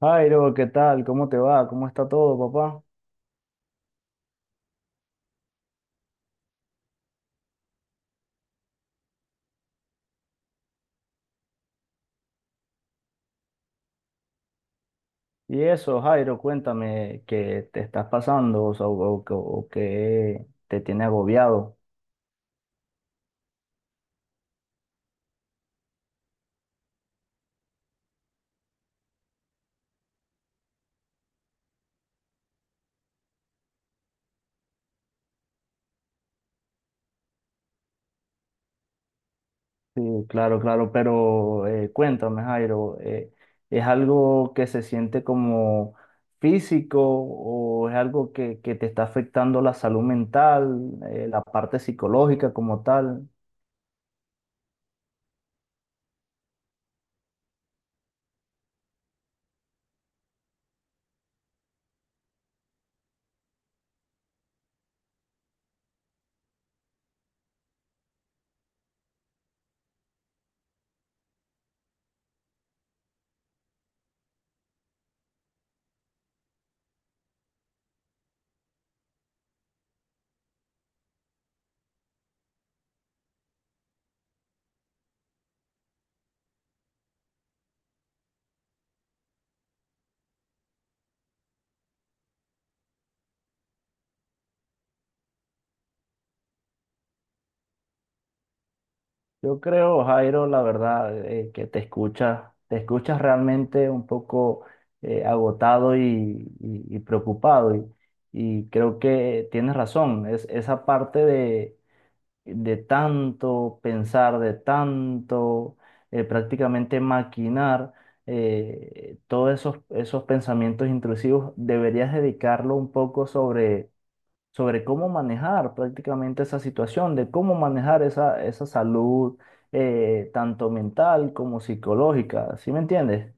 Jairo, ¿qué tal? ¿Cómo te va? ¿Cómo está todo, papá? Y eso, Jairo, cuéntame qué te estás pasando o sea, o qué te tiene agobiado. Sí, claro, claro, pero cuéntame, Jairo, ¿es algo que se siente como físico o es algo que te está afectando la salud mental, la parte psicológica como tal? Yo creo, Jairo, la verdad, que te escuchas realmente un poco agotado y preocupado. Y creo que tienes razón, es esa parte de tanto pensar, de tanto prácticamente maquinar todos esos pensamientos intrusivos, deberías dedicarlo un poco sobre cómo manejar prácticamente esa situación, de cómo manejar esa salud tanto mental como psicológica, ¿sí me entiendes?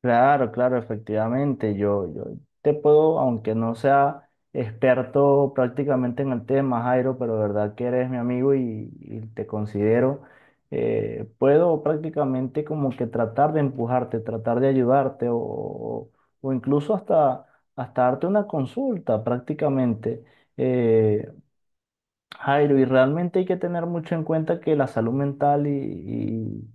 Claro, claro, efectivamente. Yo te puedo, aunque no sea experto prácticamente en el tema, Jairo, pero de verdad que eres mi amigo y te considero, puedo prácticamente como que tratar de empujarte, tratar de ayudarte o incluso hasta darte una consulta prácticamente. Eh, Jairo, y realmente hay que tener mucho en cuenta que la salud mental y, y-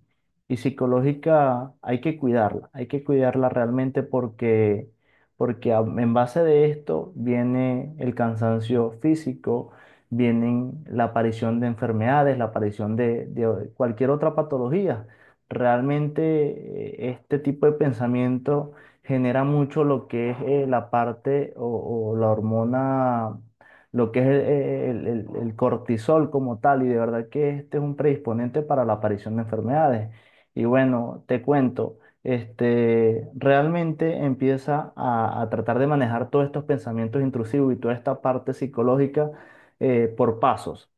y psicológica hay que cuidarla realmente porque en base de esto viene el cansancio físico, vienen la aparición de enfermedades, la aparición de cualquier otra patología. Realmente este tipo de pensamiento genera mucho lo que es la parte o la hormona lo que es el cortisol como tal, y de verdad que este es un predisponente para la aparición de enfermedades. Y bueno, te cuento, este, realmente empieza a tratar de manejar todos estos pensamientos intrusivos y toda esta parte psicológica por pasos.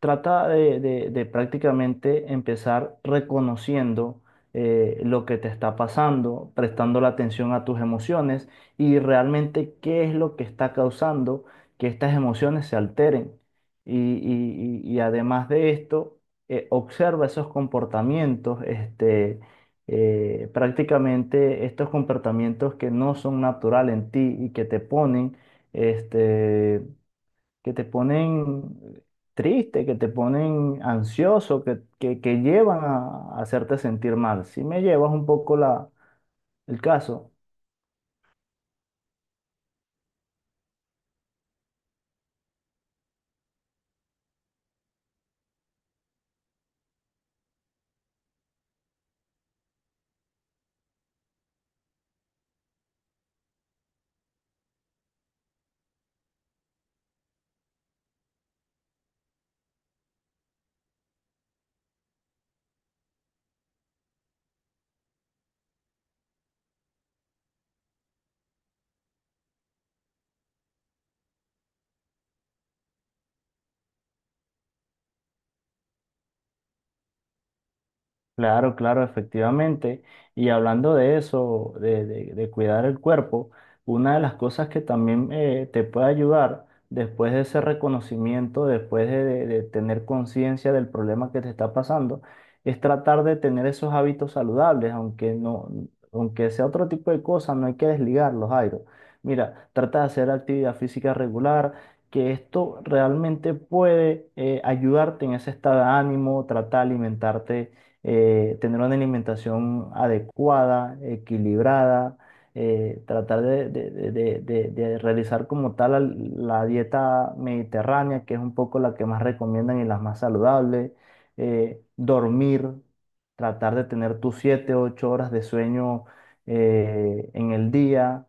Trata de prácticamente empezar reconociendo lo que te está pasando, prestando la atención a tus emociones y realmente qué es lo que está causando que estas emociones se alteren. Y además de esto, observa esos comportamientos, este, prácticamente estos comportamientos que no son naturales en ti y que te ponen, este, que te ponen triste, que te ponen ansioso, que llevan a hacerte sentir mal. Si me llevas un poco la, el caso. Claro, claro, efectivamente. Y hablando de eso, de cuidar el cuerpo, una de las cosas que también te puede ayudar después de ese reconocimiento, después de tener conciencia del problema que te está pasando, es tratar de tener esos hábitos saludables, aunque no, aunque sea otro tipo de cosas, no hay que desligarlos, Jairo. Mira, trata de hacer actividad física regular. Que esto realmente puede ayudarte en ese estado de ánimo, trata de alimentarte tener una alimentación adecuada, equilibrada, tratar de realizar como tal la dieta mediterránea, que es un poco la que más recomiendan y las más saludables, dormir, tratar de tener tus 7 8 horas de sueño en el día.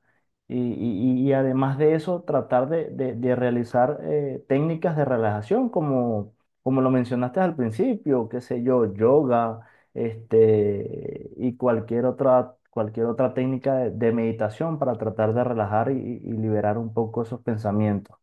Y además de eso, tratar de realizar técnicas de relajación, como, como lo mencionaste al principio, qué sé yo, yoga, este, y cualquier otra técnica de meditación para tratar de relajar y liberar un poco esos pensamientos.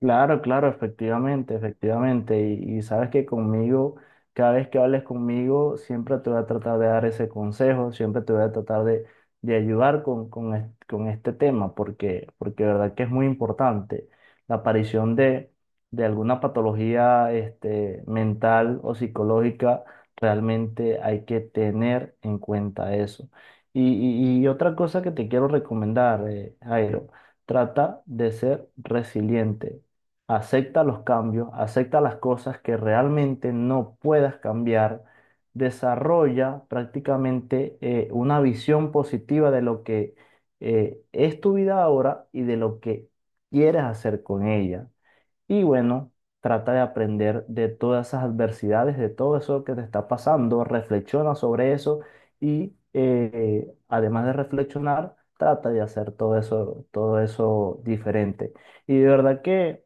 Claro, claro, efectivamente, efectivamente. Y sabes que conmigo, cada vez que hables conmigo, siempre te voy a tratar de dar ese consejo, siempre te voy a tratar de ayudar con este tema, porque, porque de verdad que es muy importante. La aparición de alguna patología este, mental o psicológica, realmente hay que tener en cuenta eso. Y, y otra cosa que te quiero recomendar, Jairo, trata de ser resiliente. Acepta los cambios, acepta las cosas que realmente no puedas cambiar, desarrolla prácticamente una visión positiva de lo que es tu vida ahora y de lo que quieres hacer con ella. Y bueno, trata de aprender de todas esas adversidades, de todo eso que te está pasando, reflexiona sobre eso y además de reflexionar, trata de hacer todo eso diferente. Y de verdad que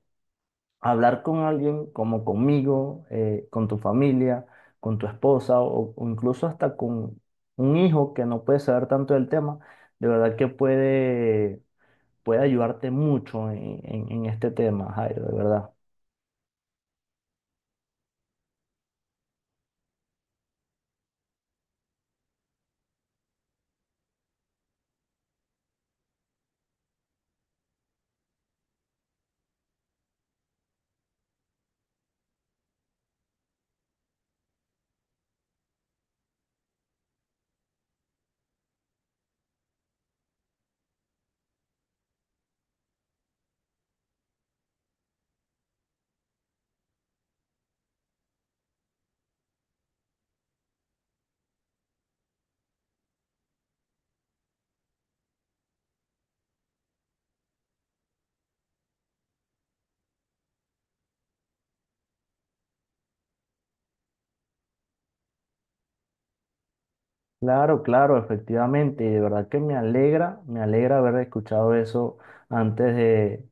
hablar con alguien como conmigo, con tu familia, con tu esposa o incluso hasta con un hijo que no puede saber tanto del tema, de verdad que puede, puede ayudarte mucho en, en este tema, Jairo, de verdad. Claro, claro, efectivamente, y de verdad que me alegra haber escuchado eso antes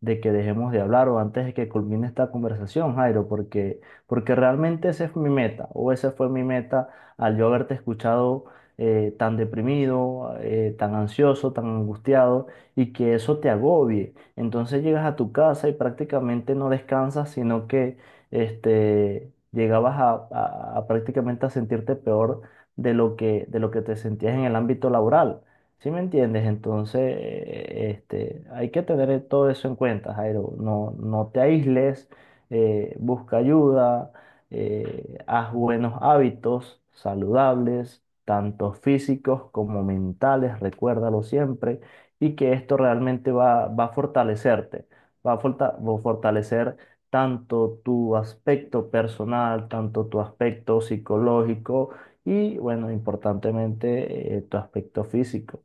de que dejemos de hablar o antes de que culmine esta conversación, Jairo, porque, porque realmente esa es mi meta, o esa fue mi meta al yo haberte escuchado tan deprimido, tan ansioso, tan angustiado, y que eso te agobie. Entonces llegas a tu casa y prácticamente no descansas, sino que este, llegabas a a prácticamente a sentirte peor de lo que te sentías en el ámbito laboral. ¿Sí me entiendes? Entonces, este, hay que tener todo eso en cuenta, Jairo. No, no te aísles, busca ayuda, haz buenos hábitos saludables, tanto físicos como mentales, recuérdalo siempre, y que esto realmente va, va a fortalecerte, va a fortalecer tanto tu aspecto personal, tanto tu aspecto psicológico y bueno, importantemente tu aspecto físico.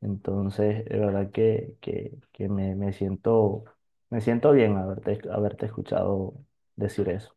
Entonces, de verdad que me, me siento bien haberte, haberte escuchado decir eso.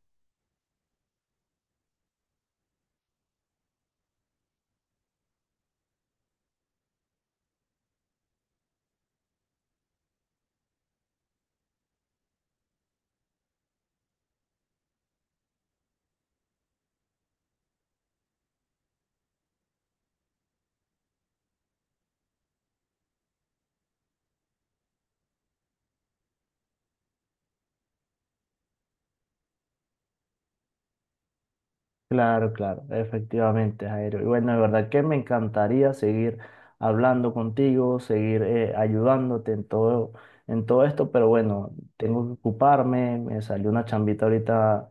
Claro, claro, efectivamente, Jairo. Y bueno, de verdad que me encantaría seguir hablando contigo, seguir ayudándote en todo esto, pero bueno, tengo que ocuparme, me salió una chambita ahorita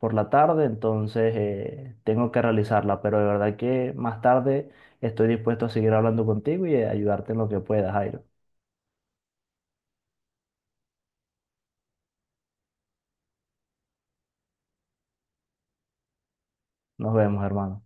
por la tarde, entonces tengo que realizarla, pero de verdad que más tarde estoy dispuesto a seguir hablando contigo y ayudarte en lo que pueda, Jairo. Nos vemos, hermano.